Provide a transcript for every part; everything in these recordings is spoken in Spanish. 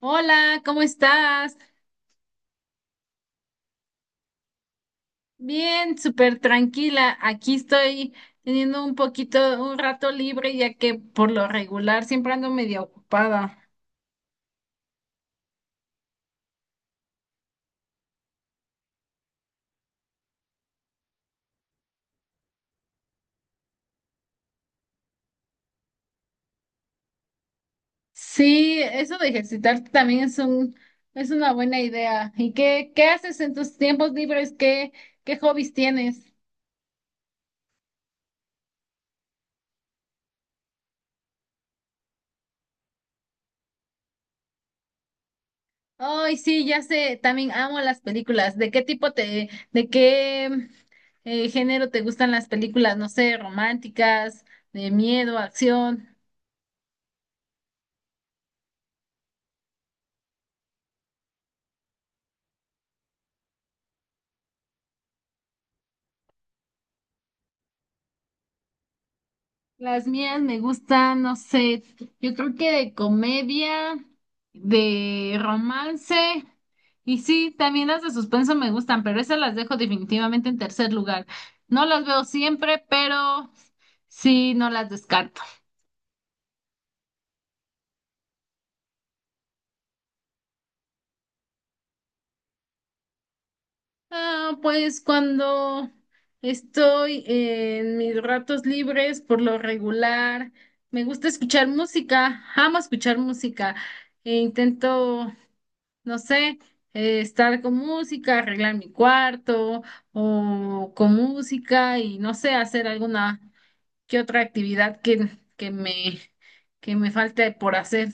Hola, ¿cómo estás? Bien, súper tranquila. Aquí estoy teniendo un rato libre, ya que por lo regular siempre ando medio ocupada. Sí, eso de ejercitarte también es una buena idea. ¿Y qué haces en tus tiempos libres? Qué hobbies tienes? Ay, sí, ya sé, también amo las películas. ¿De qué género te gustan las películas? No sé, románticas, de miedo, acción. Las mías me gustan, no sé, yo creo que de comedia, de romance, y sí, también las de suspenso me gustan, pero esas las dejo definitivamente en tercer lugar. No las veo siempre, pero sí, no las descarto. Ah, pues cuando estoy en mis ratos libres, por lo regular, me gusta escuchar música, amo escuchar música. E intento no sé, estar con música, arreglar mi cuarto o con música y no sé, hacer alguna que otra actividad que me, que me falte por hacer.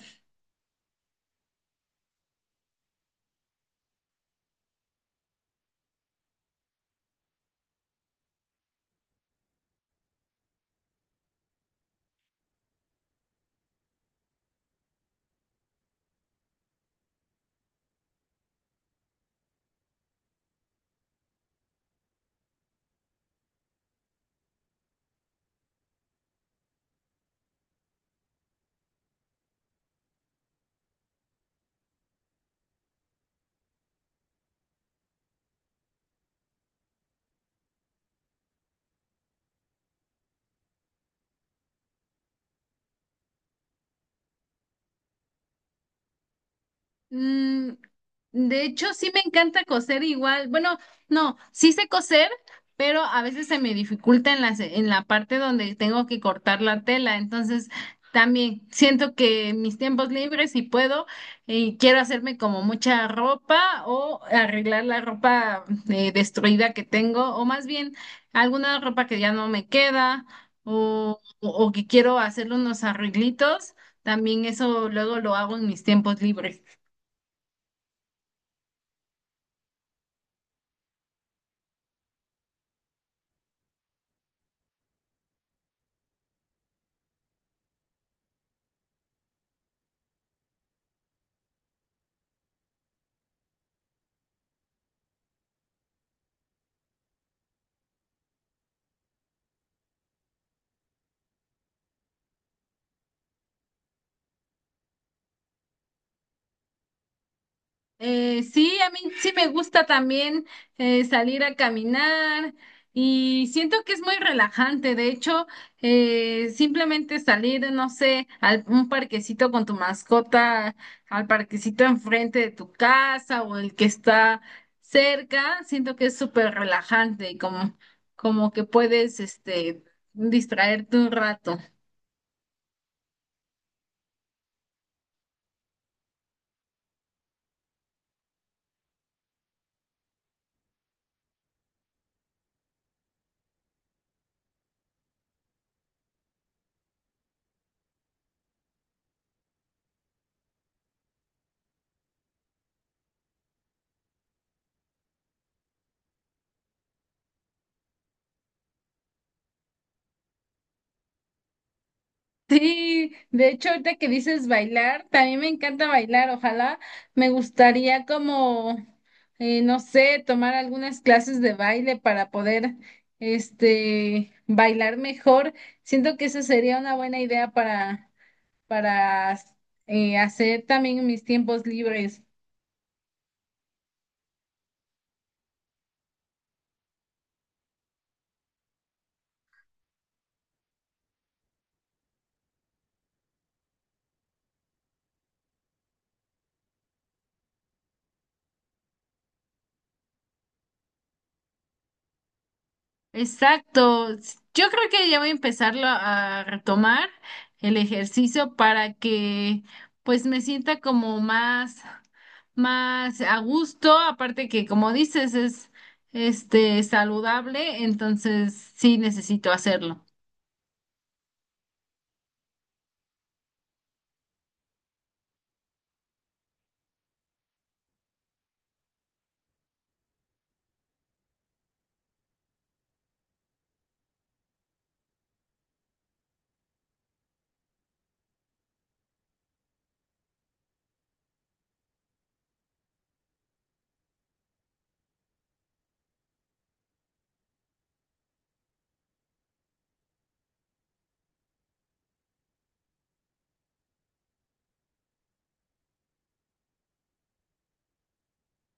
Mm, de hecho, sí me encanta coser igual. Bueno, no, sí sé coser, pero a veces se me dificulta en la parte donde tengo que cortar la tela. Entonces, también siento que en mis tiempos libres, si puedo, y quiero hacerme como mucha ropa o arreglar la ropa destruida que tengo, o más bien alguna ropa que ya no me queda, o que quiero hacerle unos arreglitos. También eso luego lo hago en mis tiempos libres. Sí, a mí sí me gusta también salir a caminar y siento que es muy relajante. De hecho, simplemente salir, no sé, a un parquecito con tu mascota, al parquecito enfrente de tu casa o el que está cerca, siento que es súper relajante y como que puedes, este, distraerte un rato. Sí, de hecho, ahorita que dices bailar, también me encanta bailar, ojalá me gustaría como, no sé, tomar algunas clases de baile para poder, este, bailar mejor. Siento que esa sería una buena idea para hacer también mis tiempos libres. Exacto. Yo creo que ya voy a empezarlo a retomar el ejercicio para que pues me sienta más a gusto. Aparte que como dices es este saludable, entonces sí necesito hacerlo.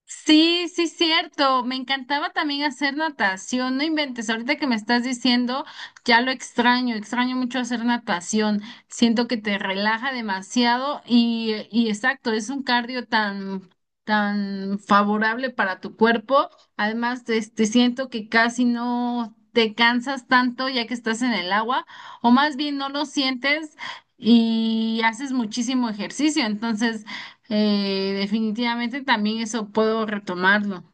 Sí, sí, cierto. Me encantaba también hacer natación. No inventes, ahorita que me estás diciendo, ya lo extraño. Extraño mucho hacer natación. Siento que te relaja demasiado y exacto, es un cardio tan favorable para tu cuerpo. Además, este, siento que casi no te cansas tanto ya que estás en el agua, o más bien no lo sientes y haces muchísimo ejercicio. Entonces, definitivamente también eso puedo retomarlo.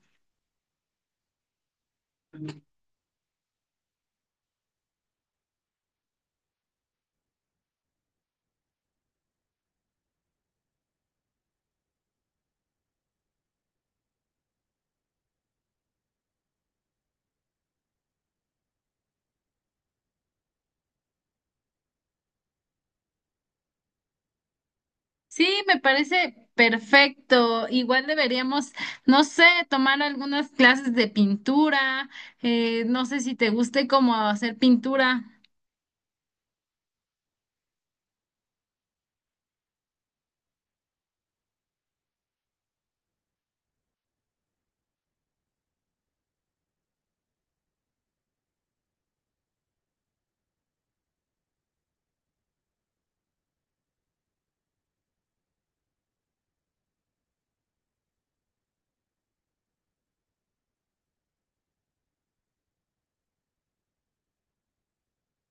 Sí, me parece perfecto. Igual deberíamos, no sé, tomar algunas clases de pintura. No sé si te guste cómo hacer pintura.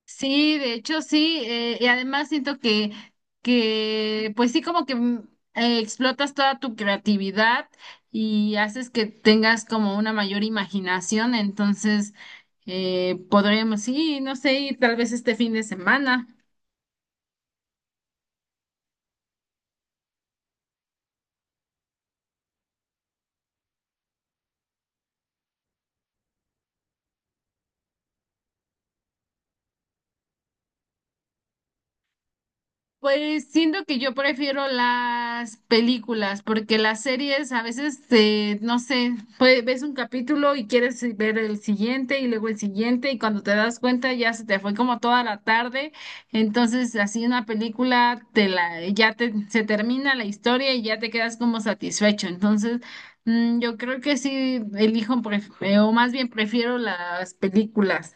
Sí, de hecho sí, y además siento pues sí, como que explotas toda tu creatividad y haces que tengas como una mayor imaginación, entonces podremos, sí, no sé, ir tal vez este fin de semana. Pues siento que yo prefiero las películas, porque las series a veces, no sé, pues, ves un capítulo y quieres ver el siguiente y luego el siguiente y cuando te das cuenta ya se te fue como toda la tarde. Entonces, así una película te la, ya te, se termina la historia y ya te quedas como satisfecho. Entonces, mm, yo creo que sí o más bien prefiero las películas.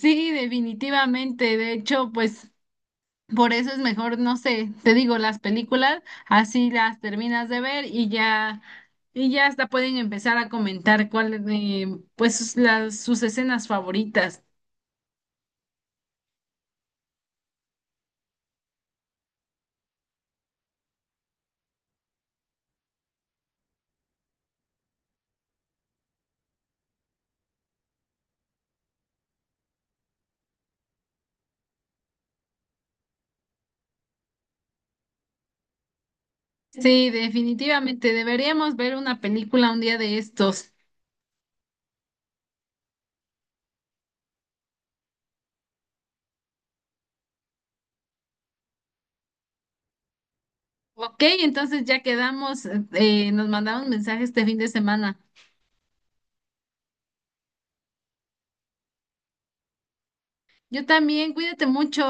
Sí, definitivamente. De hecho, pues... Por eso es mejor, no sé, te digo, las películas, así las terminas de ver y ya hasta pueden empezar a comentar cuáles, pues sus- las, sus escenas favoritas. Sí, definitivamente deberíamos ver una película un día de estos. Ok, entonces ya quedamos, nos mandamos mensajes este fin de semana. Yo también, cuídate mucho.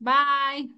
Bye.